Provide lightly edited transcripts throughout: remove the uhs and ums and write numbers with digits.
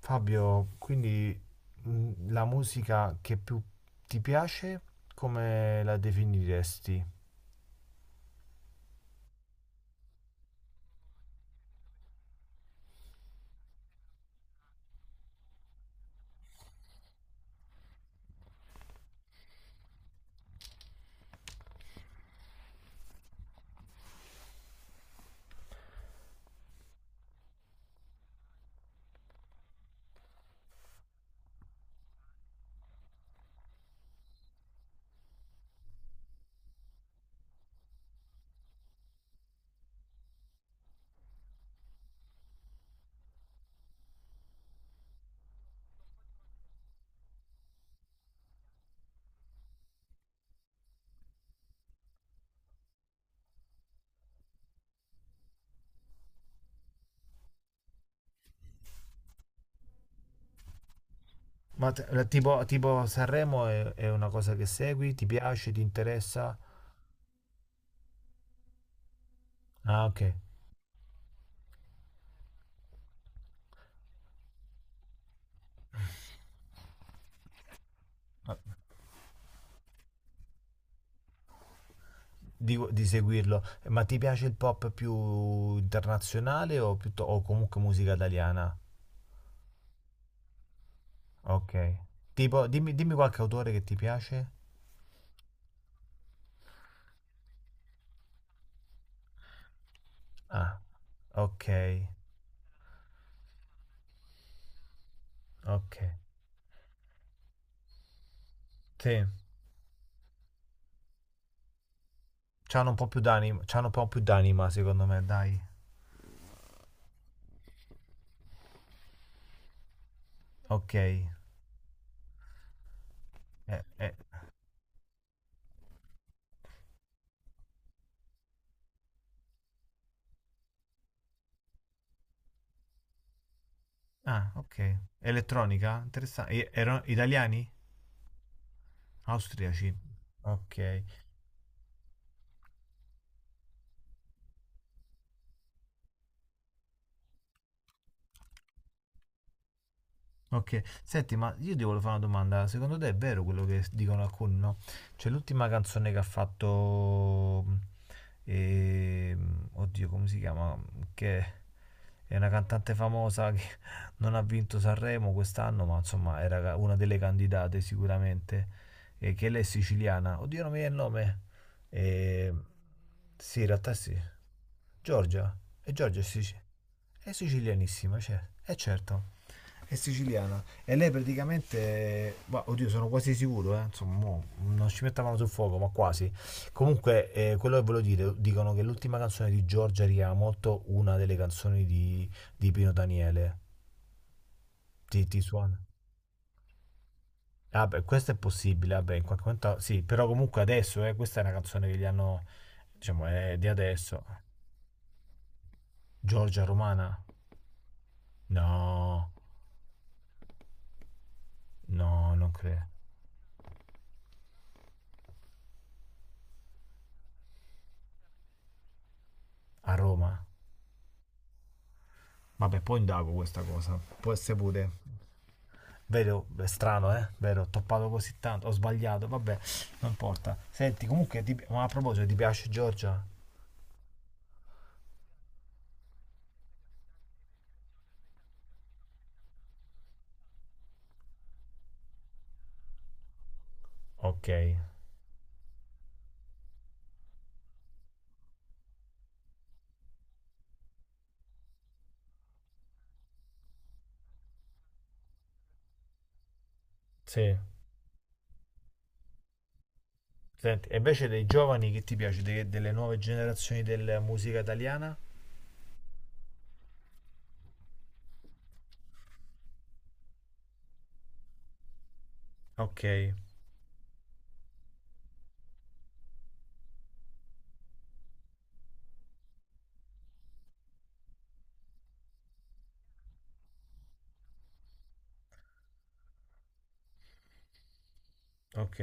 Fabio, quindi la musica che più ti piace, come la definiresti? Ma tipo, tipo Sanremo è una cosa che segui? Ti piace? Ti interessa? Ah, ok. Ma Dico di seguirlo. Ma ti piace il pop più internazionale o, o comunque musica italiana? Ok. Tipo, dimmi, dimmi qualche autore che ti piace. Ah, ok, ok. Sì, c'hanno un po' più d'anima, c'hanno un po' più d'anima secondo me, dai. Ok. Eh, Ah, ok. Elettronica? Interessante. Erano italiani? Austriaci. Ok. Ok, senti, ma io ti volevo fare una domanda. Secondo te è vero quello che dicono alcuni, no? Cioè, l'ultima canzone che ha fatto. Oddio, come si chiama? Che è una cantante famosa che non ha vinto Sanremo quest'anno, ma insomma era una delle candidate sicuramente. E che lei è siciliana. Oddio, non mi viene il nome. Eh, sì, in realtà sì. Giorgia. E Giorgia è siciliana. È sicilianissima, cioè, è certo. È siciliana. E lei praticamente, ma oddio, sono quasi sicuro, insomma, mo non ci mettavano sul fuoco, ma quasi. Comunque, quello che volevo dire, dicono che l'ultima canzone di Giorgia richiama molto una delle canzoni di Pino Daniele. Ti suona? Ah, beh, questo è possibile, vabbè, in qualche momento sì, però comunque adesso, questa è una canzone che gli hanno, diciamo, è di adesso. Giorgia Romana? No, no, non credo. A Roma? Vabbè, poi indago questa cosa. Può essere pure. Vero, è strano, eh? Vero, ho toppato così tanto. Ho sbagliato, vabbè, non importa. Senti, comunque, ma a proposito, ti piace Giorgia? Ok, sì. Senti, e invece dei giovani che ti piace? Delle nuove generazioni della musica italiana? Ok, ok.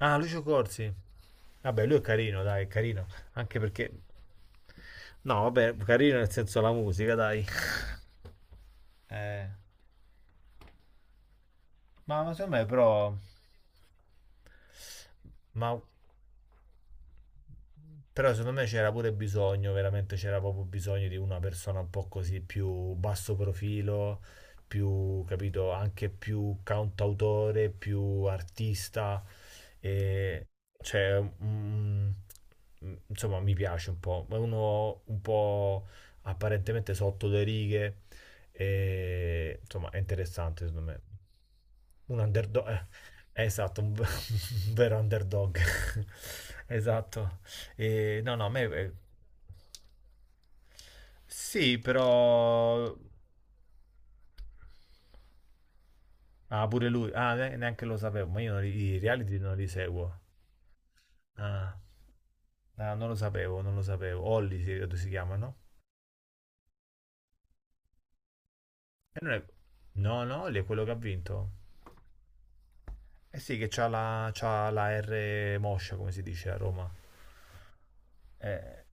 Ah, Lucio Corsi. Vabbè, lui è carino, dai, è carino. Anche perché... No, vabbè, carino nel senso la musica, dai. Eh... ma secondo me però... Ma però secondo me c'era pure bisogno, veramente c'era proprio bisogno di una persona un po' così più basso profilo, più, capito, anche più cantautore, più artista. E, cioè, insomma, mi piace un po'. È uno un po' apparentemente sotto le righe. E, insomma, è interessante secondo me. Un underdog, esatto, un, un vero underdog. Esatto. E, no, no, a me... Sì, però... Ah, pure lui. Ah, neanche lo sapevo, ma io non li- i reality non li seguo. Ah, ah, non lo sapevo, non lo sapevo. Olli si, credo si chiama, no? E non è... No, no, Olli è quello che ha vinto. Eh sì, che c'ha la R moscia, come si dice a Roma. Eh,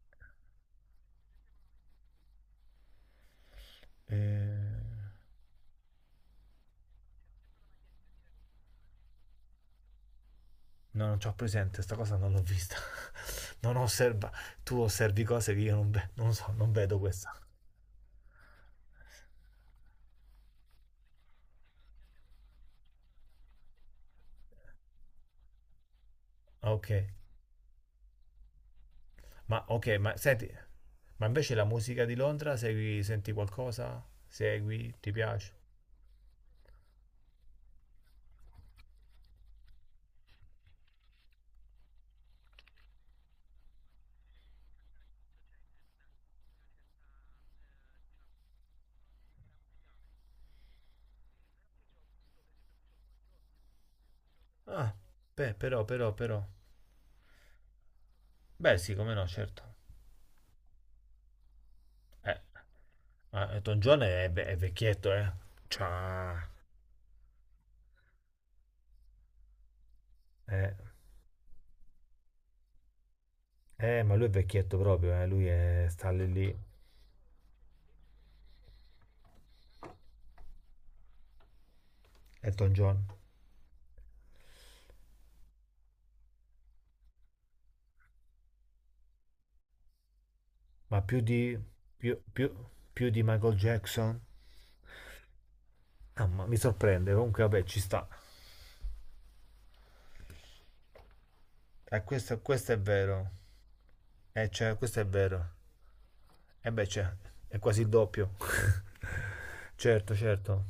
eh, No, non c'ho presente, sta cosa non l'ho vista. Non osserva. Tu osservi cose che io non, non so, non vedo questa. Ah, ok, ma ok, ma senti, ma invece la musica di Londra, segui, senti qualcosa? Segui, ti piace? Ah, beh, però, però, però. Beh, sì, come no, certo. Eh, ma Elton John è, è vecchietto, eh. Ciao. Eh, ma lui è vecchietto proprio, eh. Lui è, sta lì lì. Elton John. Ma più di... più, più, più di Michael Jackson? Mamma, mi sorprende. Comunque, vabbè, ci sta. Questo, questo è vero. Cioè, questo è vero. E beh, c'è. È quasi il doppio. Certo, certo.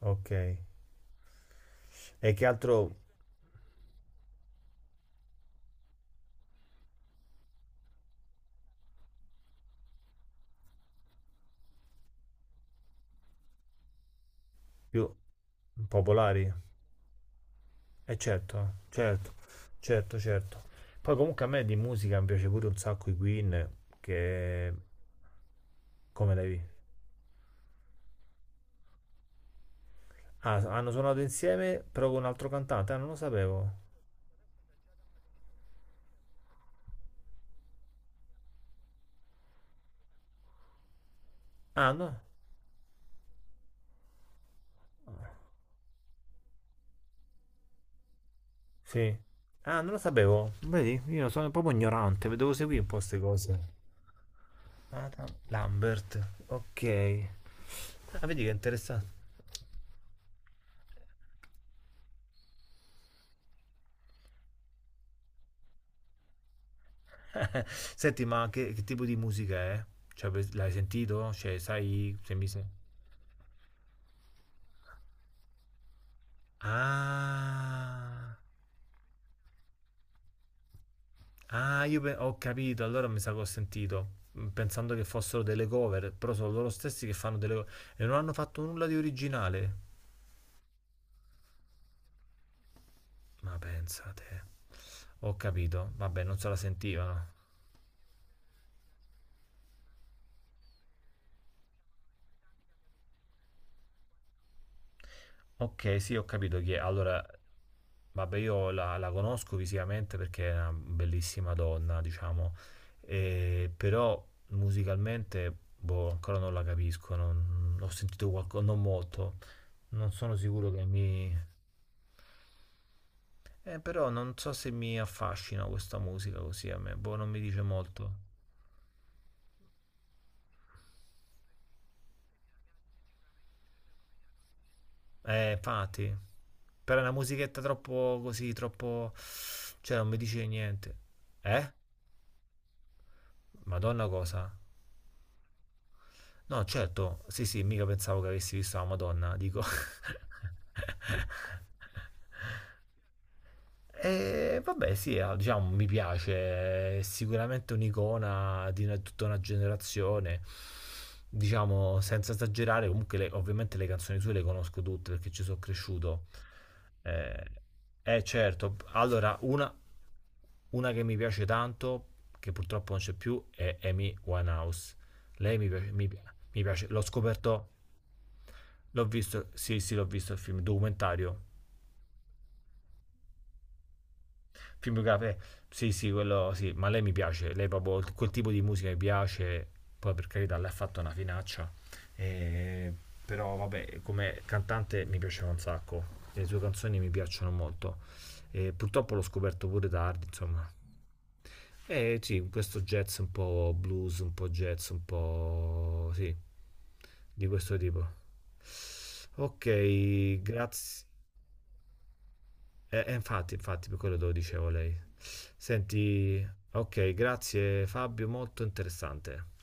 Ok. E che altro più popolari? Eh certo, certo, certo, certo. Poi comunque a me di musica mi piace pure un sacco i Queen, che... Come l'hai visto? Ah, hanno suonato insieme però con un altro cantante? Ah, non lo sapevo. Ah, no? Sì. Ah, non lo sapevo. Vedi, io sono proprio ignorante, devo seguire un po' queste cose. Adam Lambert, ok. Ah, vedi che interessante. Senti, ma che tipo di musica è? Cioè, l'hai sentito? Cioè, sai se mi se- Ah. Ah, io ho capito, allora mi sa che ho sentito, pensando che fossero delle cover, però sono loro stessi che fanno delle cover e non hanno fatto nulla di originale. Ma pensate, ho capito, vabbè, non se la sentivano. Ok, sì, ho capito chi è. Allora, vabbè, io la, la conosco visivamente perché è una bellissima donna, diciamo, però musicalmente, boh, ancora non la capisco, non, ho sentito qualcosa, non molto. Non sono sicuro che mi, però non so se mi affascina questa musica così a me, boh, non mi dice molto. Infatti, però è una musichetta troppo così, troppo... cioè non mi dice niente. Eh? Madonna cosa? No, certo, sì sì, mica pensavo che avessi visto la Madonna, dico. E vabbè, sì, ah, diciamo, mi piace, è sicuramente un'icona di tutta una generazione. Diciamo, senza esagerare, comunque ovviamente le canzoni sue le conosco tutte perché ci sono cresciuto. Eh, certo, allora, una che mi piace tanto, che purtroppo non c'è più, è Amy Winehouse. Lei mi piace, mi piace. L'ho scoperto, l'ho visto, sì, sì, l'ho visto il film, documentario. Film biografico, sì, sì, quello sì, ma lei mi piace, lei proprio quel tipo di musica mi piace, poi per carità lei ha fatto una finaccia, eh, però vabbè, come cantante mi piaceva un sacco, le sue canzoni mi piacciono molto, purtroppo l'ho scoperto pure tardi, insomma. Eh sì, questo jazz un po' blues, un po' jazz, un po' sì, di questo tipo. Ok, grazie. Infatti, infatti, per quello te lo dicevo lei. Senti, ok, grazie Fabio, molto interessante.